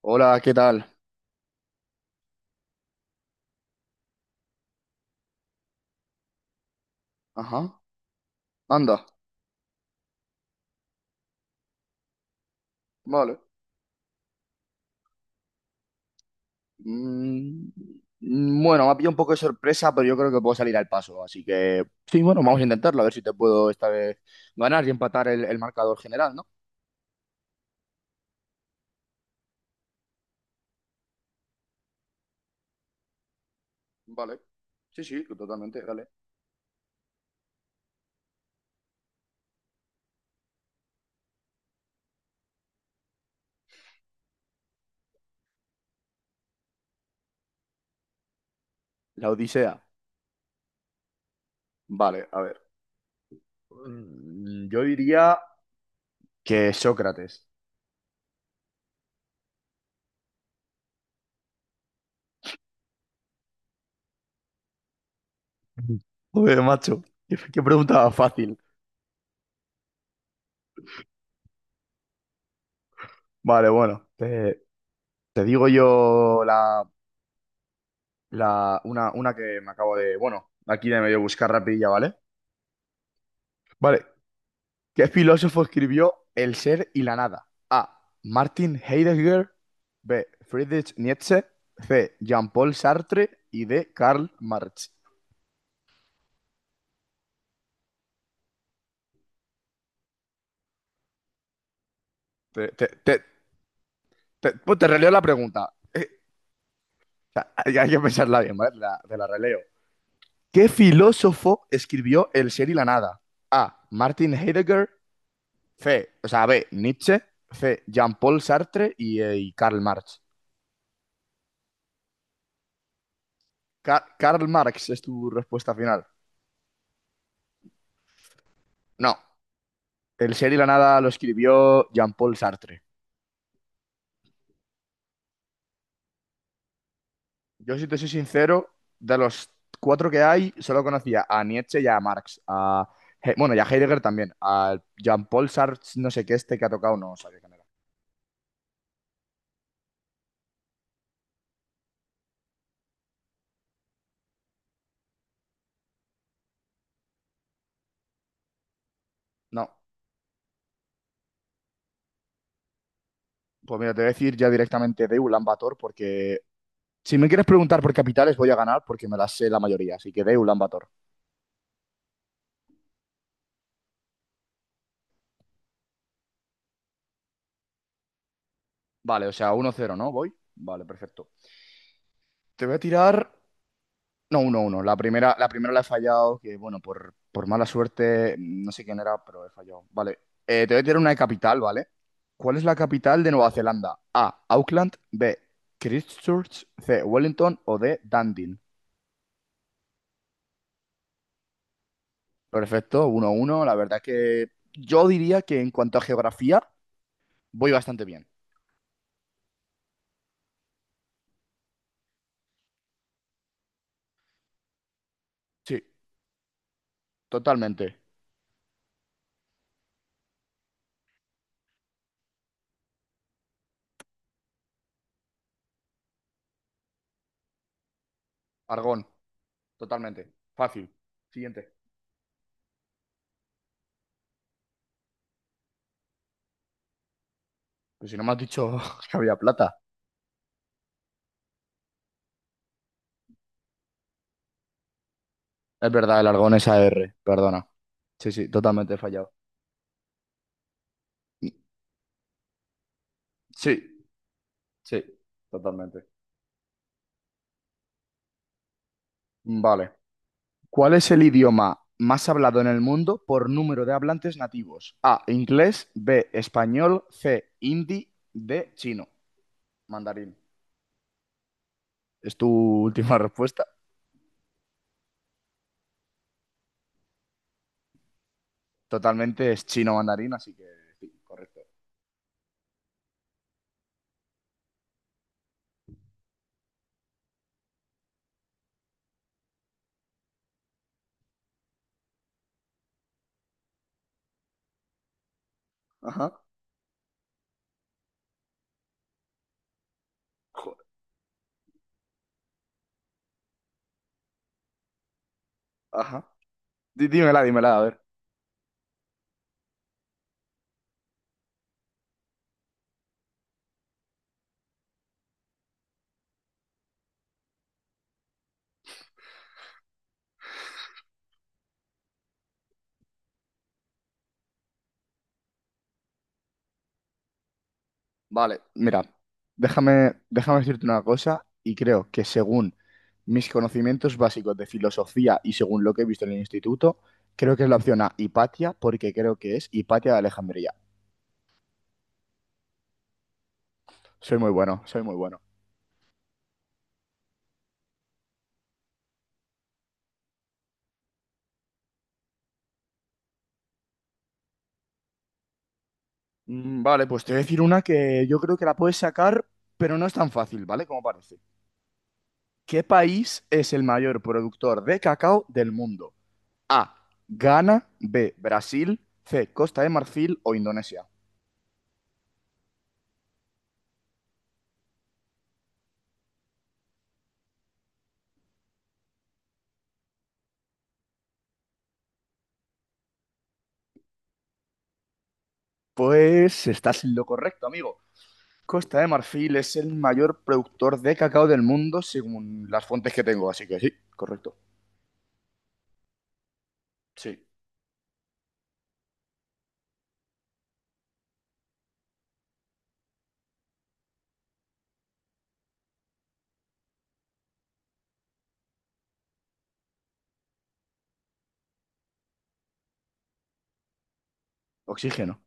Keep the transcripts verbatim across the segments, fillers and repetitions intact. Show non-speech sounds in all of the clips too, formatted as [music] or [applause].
Hola, ¿qué tal? Ajá, anda, vale. Mm, mm, bueno, me ha pillado un poco de sorpresa, pero yo creo que puedo salir al paso. Así que, sí, bueno, vamos a intentarlo, a ver si te puedo esta vez ganar y empatar el, el marcador general, ¿no? Vale, sí, sí, totalmente, dale. La Odisea. Vale, a ver. Mm, yo diría que Sócrates. [laughs] Mm. Joder, macho, qué, qué pregunta fácil. Vale, bueno, te, te digo yo La, una, una que me acabo de, bueno, aquí de medio buscar rapidilla, ¿vale? Vale. ¿Qué filósofo escribió El ser y la nada? A. Martin Heidegger. B. Friedrich Nietzsche. C. Jean-Paul Sartre. Y D. Karl Marx. Te, te, te, te- pues te releo la pregunta. Eh, o sea, hay, hay que pensarla bien, ¿vale? La- te la releo. ¿Qué filósofo escribió El ser y la nada? A. Martin Heidegger. C. O sea, B. Nietzsche. C. Jean-Paul Sartre y, eh, y Karl Marx. Ca- Karl Marx es tu respuesta final. No, el ser y la nada lo escribió Jean-Paul Sartre. Yo, si te soy sincero, de los cuatro que hay, solo conocía a Nietzsche y a Marx. A He- bueno, y a Heidegger también. A Jean-Paul Sartre, no sé qué, este que ha tocado, no sabía quién era. No, pues mira, te voy a decir ya directamente de Ulan Bator, porque si me quieres preguntar por capitales, voy a ganar porque me las sé la mayoría. Así que de Ulan Bator. Vale, o sea, uno cero, ¿no? Voy. Vale, perfecto. Te voy a tirar. No, uno, uno. La primera, la primera la he fallado, que bueno, por, por mala suerte, no sé quién era, pero he fallado. Vale. Eh, te voy a tirar una de capital, ¿vale? ¿Cuál es la capital de Nueva Zelanda? A. Auckland. B. Christchurch. C. Wellington. O D. Dundee. Perfecto, uno, uno. La verdad que yo diría que en cuanto a geografía, voy bastante bien. Sí, totalmente. Argón, totalmente. Fácil. Siguiente. Pues si no me has dicho [laughs] que había plata. Es verdad, el argón es A R. Perdona. Sí, sí, totalmente fallado. Sí, sí, totalmente. Vale. ¿Cuál es el idioma más hablado en el mundo por número de hablantes nativos? A, inglés, B, español, C, hindi, D, chino, mandarín. ¿Es tu última respuesta? Totalmente es chino mandarín, así que sí, correcto. Ajá. Joder, ajá. Dí- Dímela, dímela, a ver. Vale, mira, déjame, déjame decirte una cosa y creo que según mis conocimientos básicos de filosofía y según lo que he visto en el instituto, creo que es la opción A, Hipatia, porque creo que es Hipatia de Alejandría. Soy muy bueno, soy muy bueno. Mm, Vale, pues te voy a decir una que yo creo que la puedes sacar, pero no es tan fácil, ¿vale? Como parece. ¿Qué país es el mayor productor de cacao del mundo? A, Ghana, B, Brasil, C, Costa de Marfil o Indonesia. Pues estás en lo correcto, amigo. Costa de Marfil es el mayor productor de cacao del mundo según las fuentes que tengo, así que sí, correcto. Sí, oxígeno.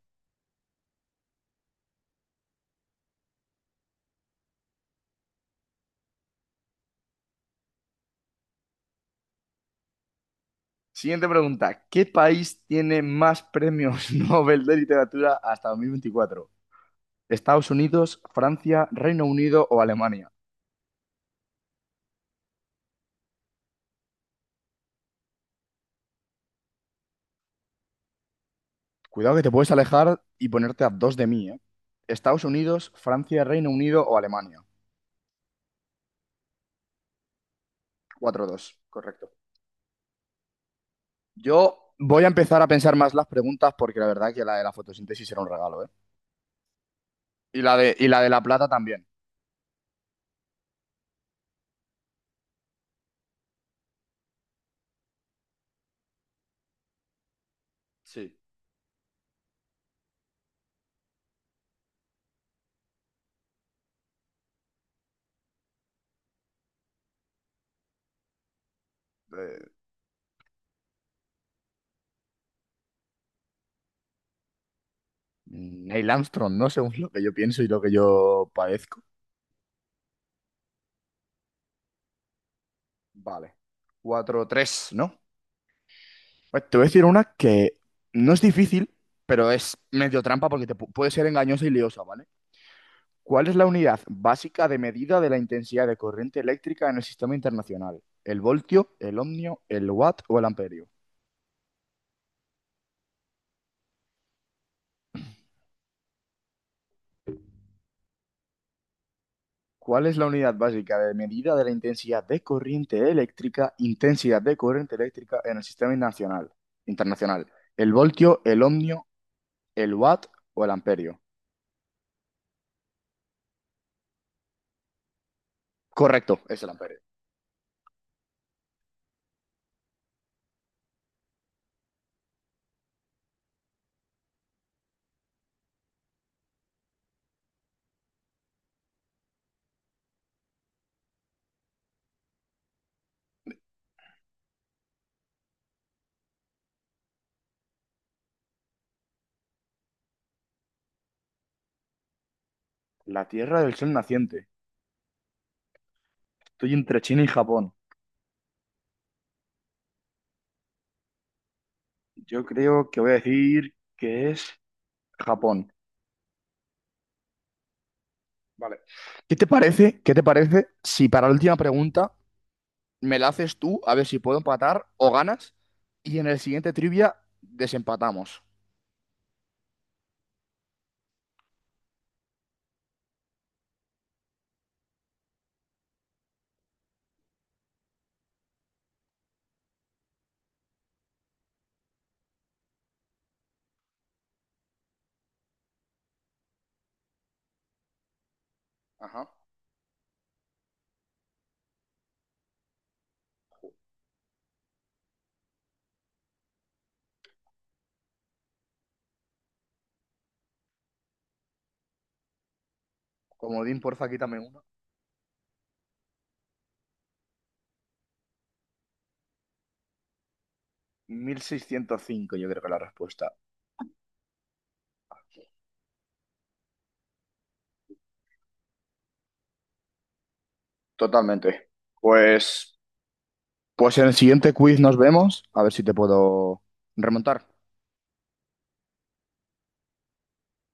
Siguiente pregunta. ¿Qué país tiene más premios [laughs] Nobel de literatura hasta dos mil veinticuatro? ¿Estados Unidos, Francia, Reino Unido o Alemania? Cuidado que te puedes alejar y ponerte a dos de mí, ¿eh? Estados Unidos, Francia, Reino Unido o Alemania. cuatro dos, correcto. Yo voy a empezar a pensar más las preguntas porque la verdad que la de la fotosíntesis era un regalo, ¿eh? Y la de, y la de La Plata también. Sí, eh, Neil Armstrong, ¿no? Según lo que yo pienso y lo que yo padezco. Vale. Cuatro tres, ¿no? Pues te voy a decir una que no es difícil, pero es medio trampa porque te pu- puede ser engañosa y liosa, ¿vale? ¿Cuál es la unidad básica de medida de la intensidad de corriente eléctrica en el sistema internacional? ¿El voltio, el ohmio, el watt o el amperio? ¿Cuál es la unidad básica de medida de la intensidad de corriente eléctrica, intensidad de corriente eléctrica en el sistema nacional, internacional? ¿El voltio, el ohmio, el watt o el amperio? Correcto, es el amperio. La Tierra del Sol naciente. Estoy entre China y Japón. Yo creo que voy a decir que es Japón. Vale. ¿Qué te parece? ¿Qué te parece si para la última pregunta me la haces tú a ver si puedo empatar o ganas y en el siguiente trivia desempatamos? Ajá. Comodín, porfa, quítame uno. Mil seiscientos cinco yo creo que la respuesta. Totalmente. Pues, pues en el siguiente quiz nos vemos. A ver si te puedo remontar.